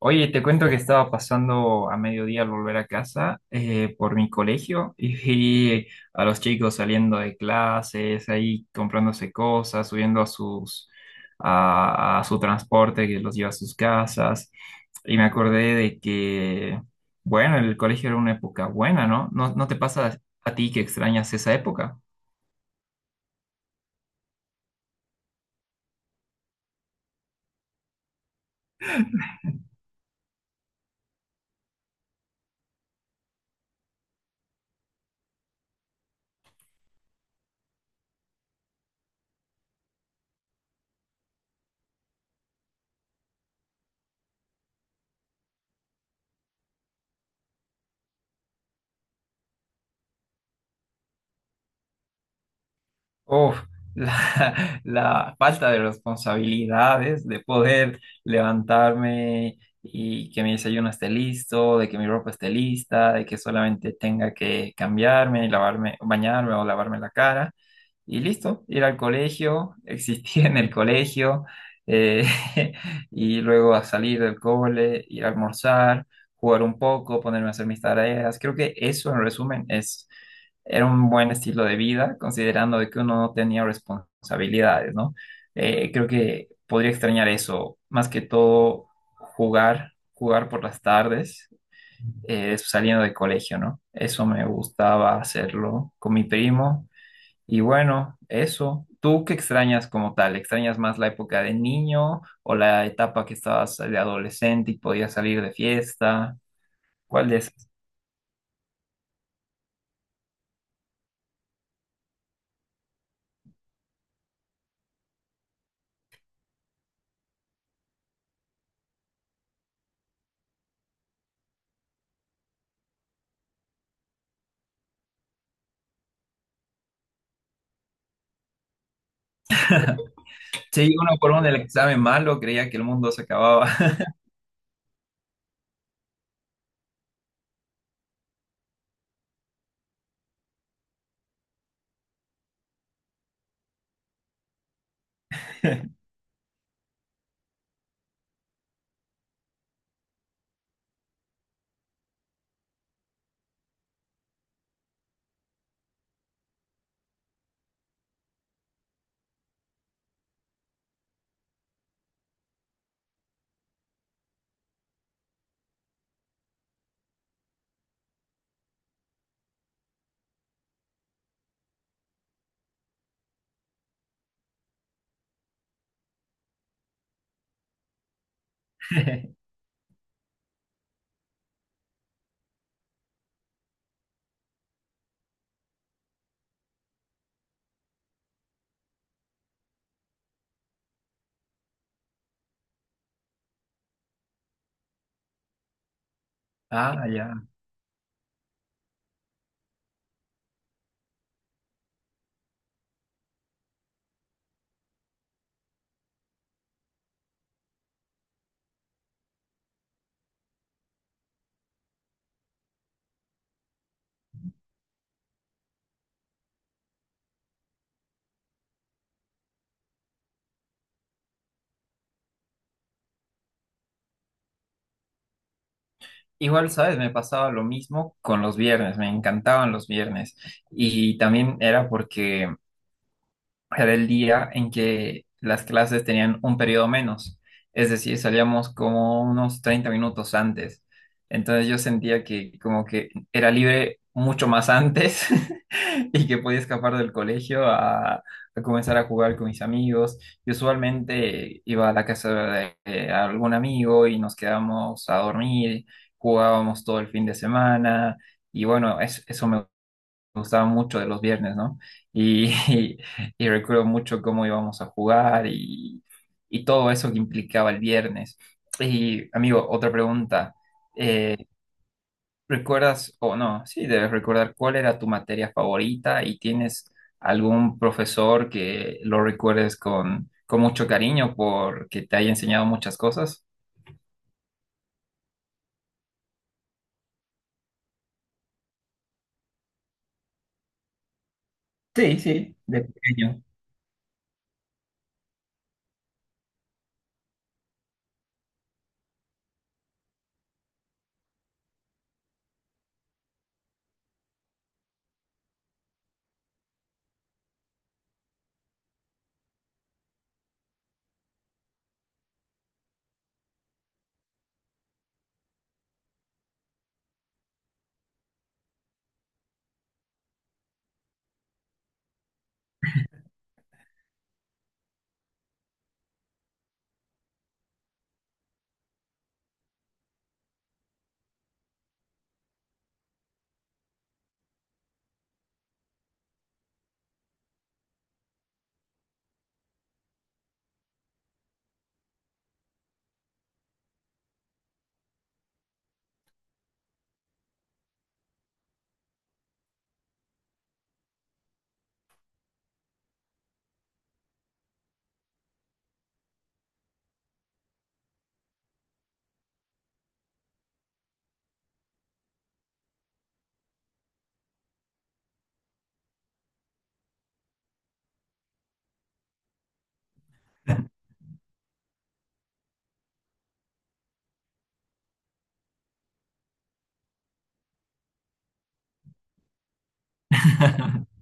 Oye, te cuento que estaba pasando a mediodía al volver a casa por mi colegio y vi a los chicos saliendo de clases, ahí comprándose cosas, subiendo a su transporte que los lleva a sus casas. Y me acordé de que, bueno, el colegio era una época buena, ¿no? ¿No te pasa a ti que extrañas esa época? Uf, la falta de responsabilidades, de poder levantarme y que mi desayuno esté listo, de que mi ropa esté lista, de que solamente tenga que cambiarme y lavarme, bañarme o lavarme la cara. Y listo, ir al colegio, existir en el colegio, eh, y luego a salir del cole, ir a almorzar, jugar un poco, ponerme a hacer mis tareas. Creo que eso en resumen es era un buen estilo de vida, considerando de que uno no tenía responsabilidades, ¿no? Creo que podría extrañar eso, más que todo jugar, jugar por las tardes, saliendo de colegio, ¿no? Eso me gustaba hacerlo con mi primo. Y bueno, eso. ¿Tú qué extrañas como tal? ¿Extrañas más la época de niño o la etapa que estabas de adolescente y podías salir de fiesta? ¿Cuál de esas? Sí, uno por uno el examen malo, creía que el mundo se acababa. Ah, ya. Igual, ¿sabes? Me pasaba lo mismo con los viernes, me encantaban los viernes. Y también era porque era el día en que las clases tenían un periodo menos, es decir, salíamos como unos 30 minutos antes. Entonces yo sentía que como que era libre mucho más antes y que podía escapar del colegio a comenzar a jugar con mis amigos. Y usualmente iba a la casa de algún amigo y nos quedábamos a dormir, jugábamos todo el fin de semana y bueno, eso me gustaba mucho de los viernes, ¿no? Y, y recuerdo mucho cómo íbamos a jugar, y todo eso que implicaba el viernes. Y, amigo, otra pregunta. Eh, ¿Recuerdas o no? Sí, debes recordar cuál era tu materia favorita y tienes algún profesor que lo recuerdes con mucho cariño porque te haya enseñado muchas cosas. Sí, sí, de pequeño.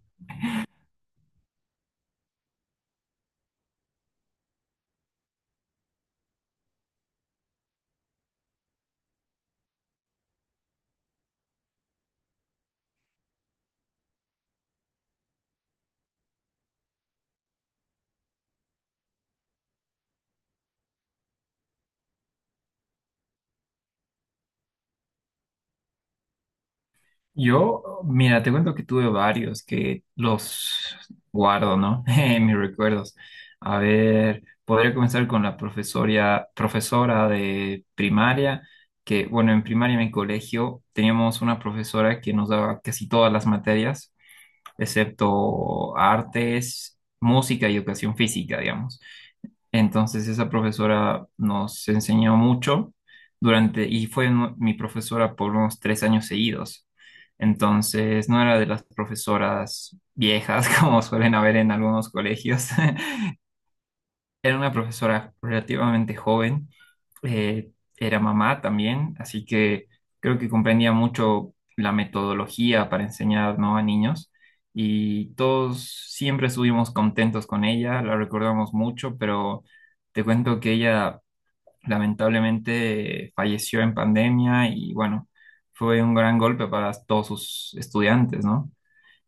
Yo, mira, te cuento que tuve varios que los guardo, ¿no? En mis recuerdos. A ver, podría comenzar con la profesora de primaria, que, bueno, en primaria en mi colegio teníamos una profesora que nos daba casi todas las materias, excepto artes, música y educación física, digamos. Entonces esa profesora nos enseñó mucho durante, y fue mi profesora por unos 3 años seguidos. Entonces no era de las profesoras viejas como suelen haber en algunos colegios, era una profesora relativamente joven, eh, era mamá también, así que creo que comprendía mucho la metodología para enseñar, ¿no? A niños y todos siempre estuvimos contentos con ella, la recordamos mucho, pero te cuento que ella lamentablemente falleció en pandemia y bueno, fue un gran golpe para todos sus estudiantes, ¿no?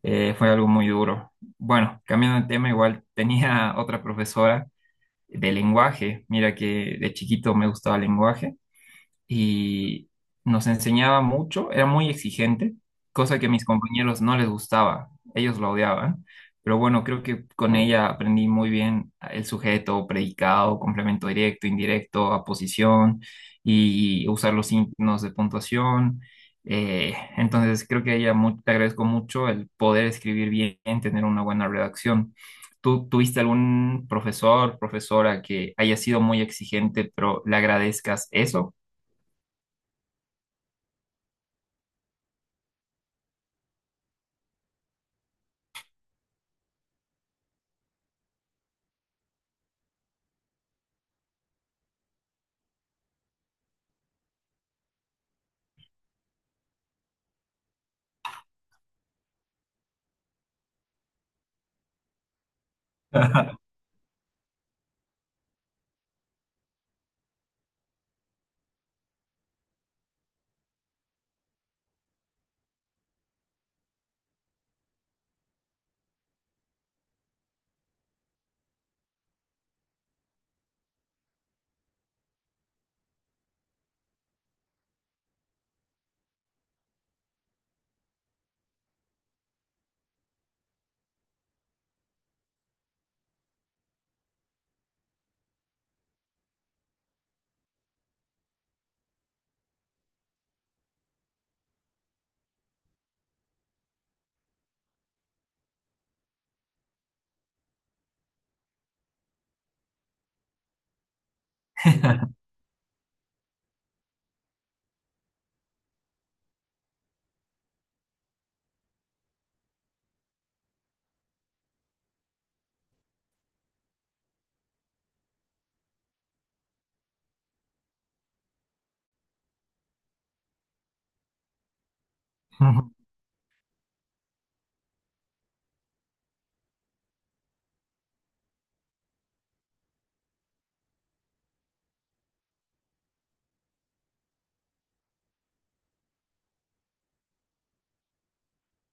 Fue algo muy duro. Bueno, cambiando de tema, igual tenía otra profesora de lenguaje. Mira que de chiquito me gustaba el lenguaje y nos enseñaba mucho, era muy exigente, cosa que a mis compañeros no les gustaba, ellos lo odiaban, pero bueno, creo que con ella aprendí muy bien el sujeto, predicado, complemento directo, indirecto, aposición y usar los signos de puntuación. Entonces creo que a ella te agradezco mucho el poder escribir bien, tener una buena redacción. ¿Tú tuviste algún profesor, profesora que haya sido muy exigente, pero le agradezcas eso?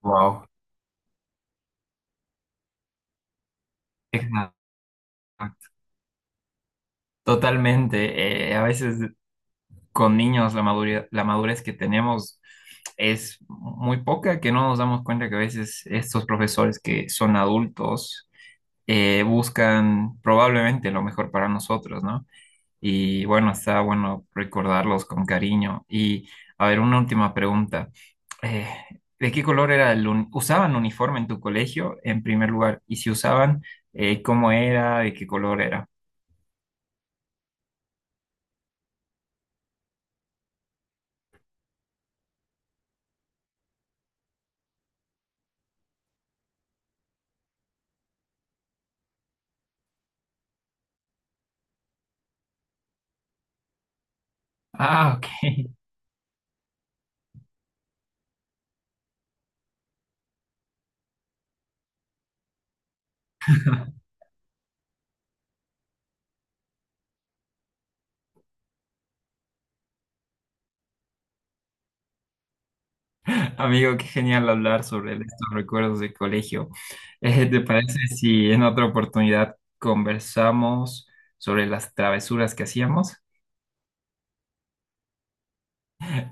Wow, exacto. Totalmente. Eh, a veces con niños la la madurez que tenemos es muy poca, que no nos damos cuenta que a veces estos profesores que son adultos buscan probablemente lo mejor para nosotros, ¿no? Y bueno, está bueno recordarlos con cariño. Y a ver, una última pregunta. Eh, ¿De qué color era el usaban uniforme en tu colegio en primer lugar? Y si usaban, ¿cómo era? ¿De qué color era? Ah, ok. Amigo, qué genial hablar sobre estos recuerdos de colegio. ¿Te parece si en otra oportunidad conversamos sobre las travesuras que hacíamos?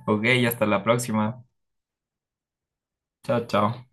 Ok, hasta la próxima. Chao, chao.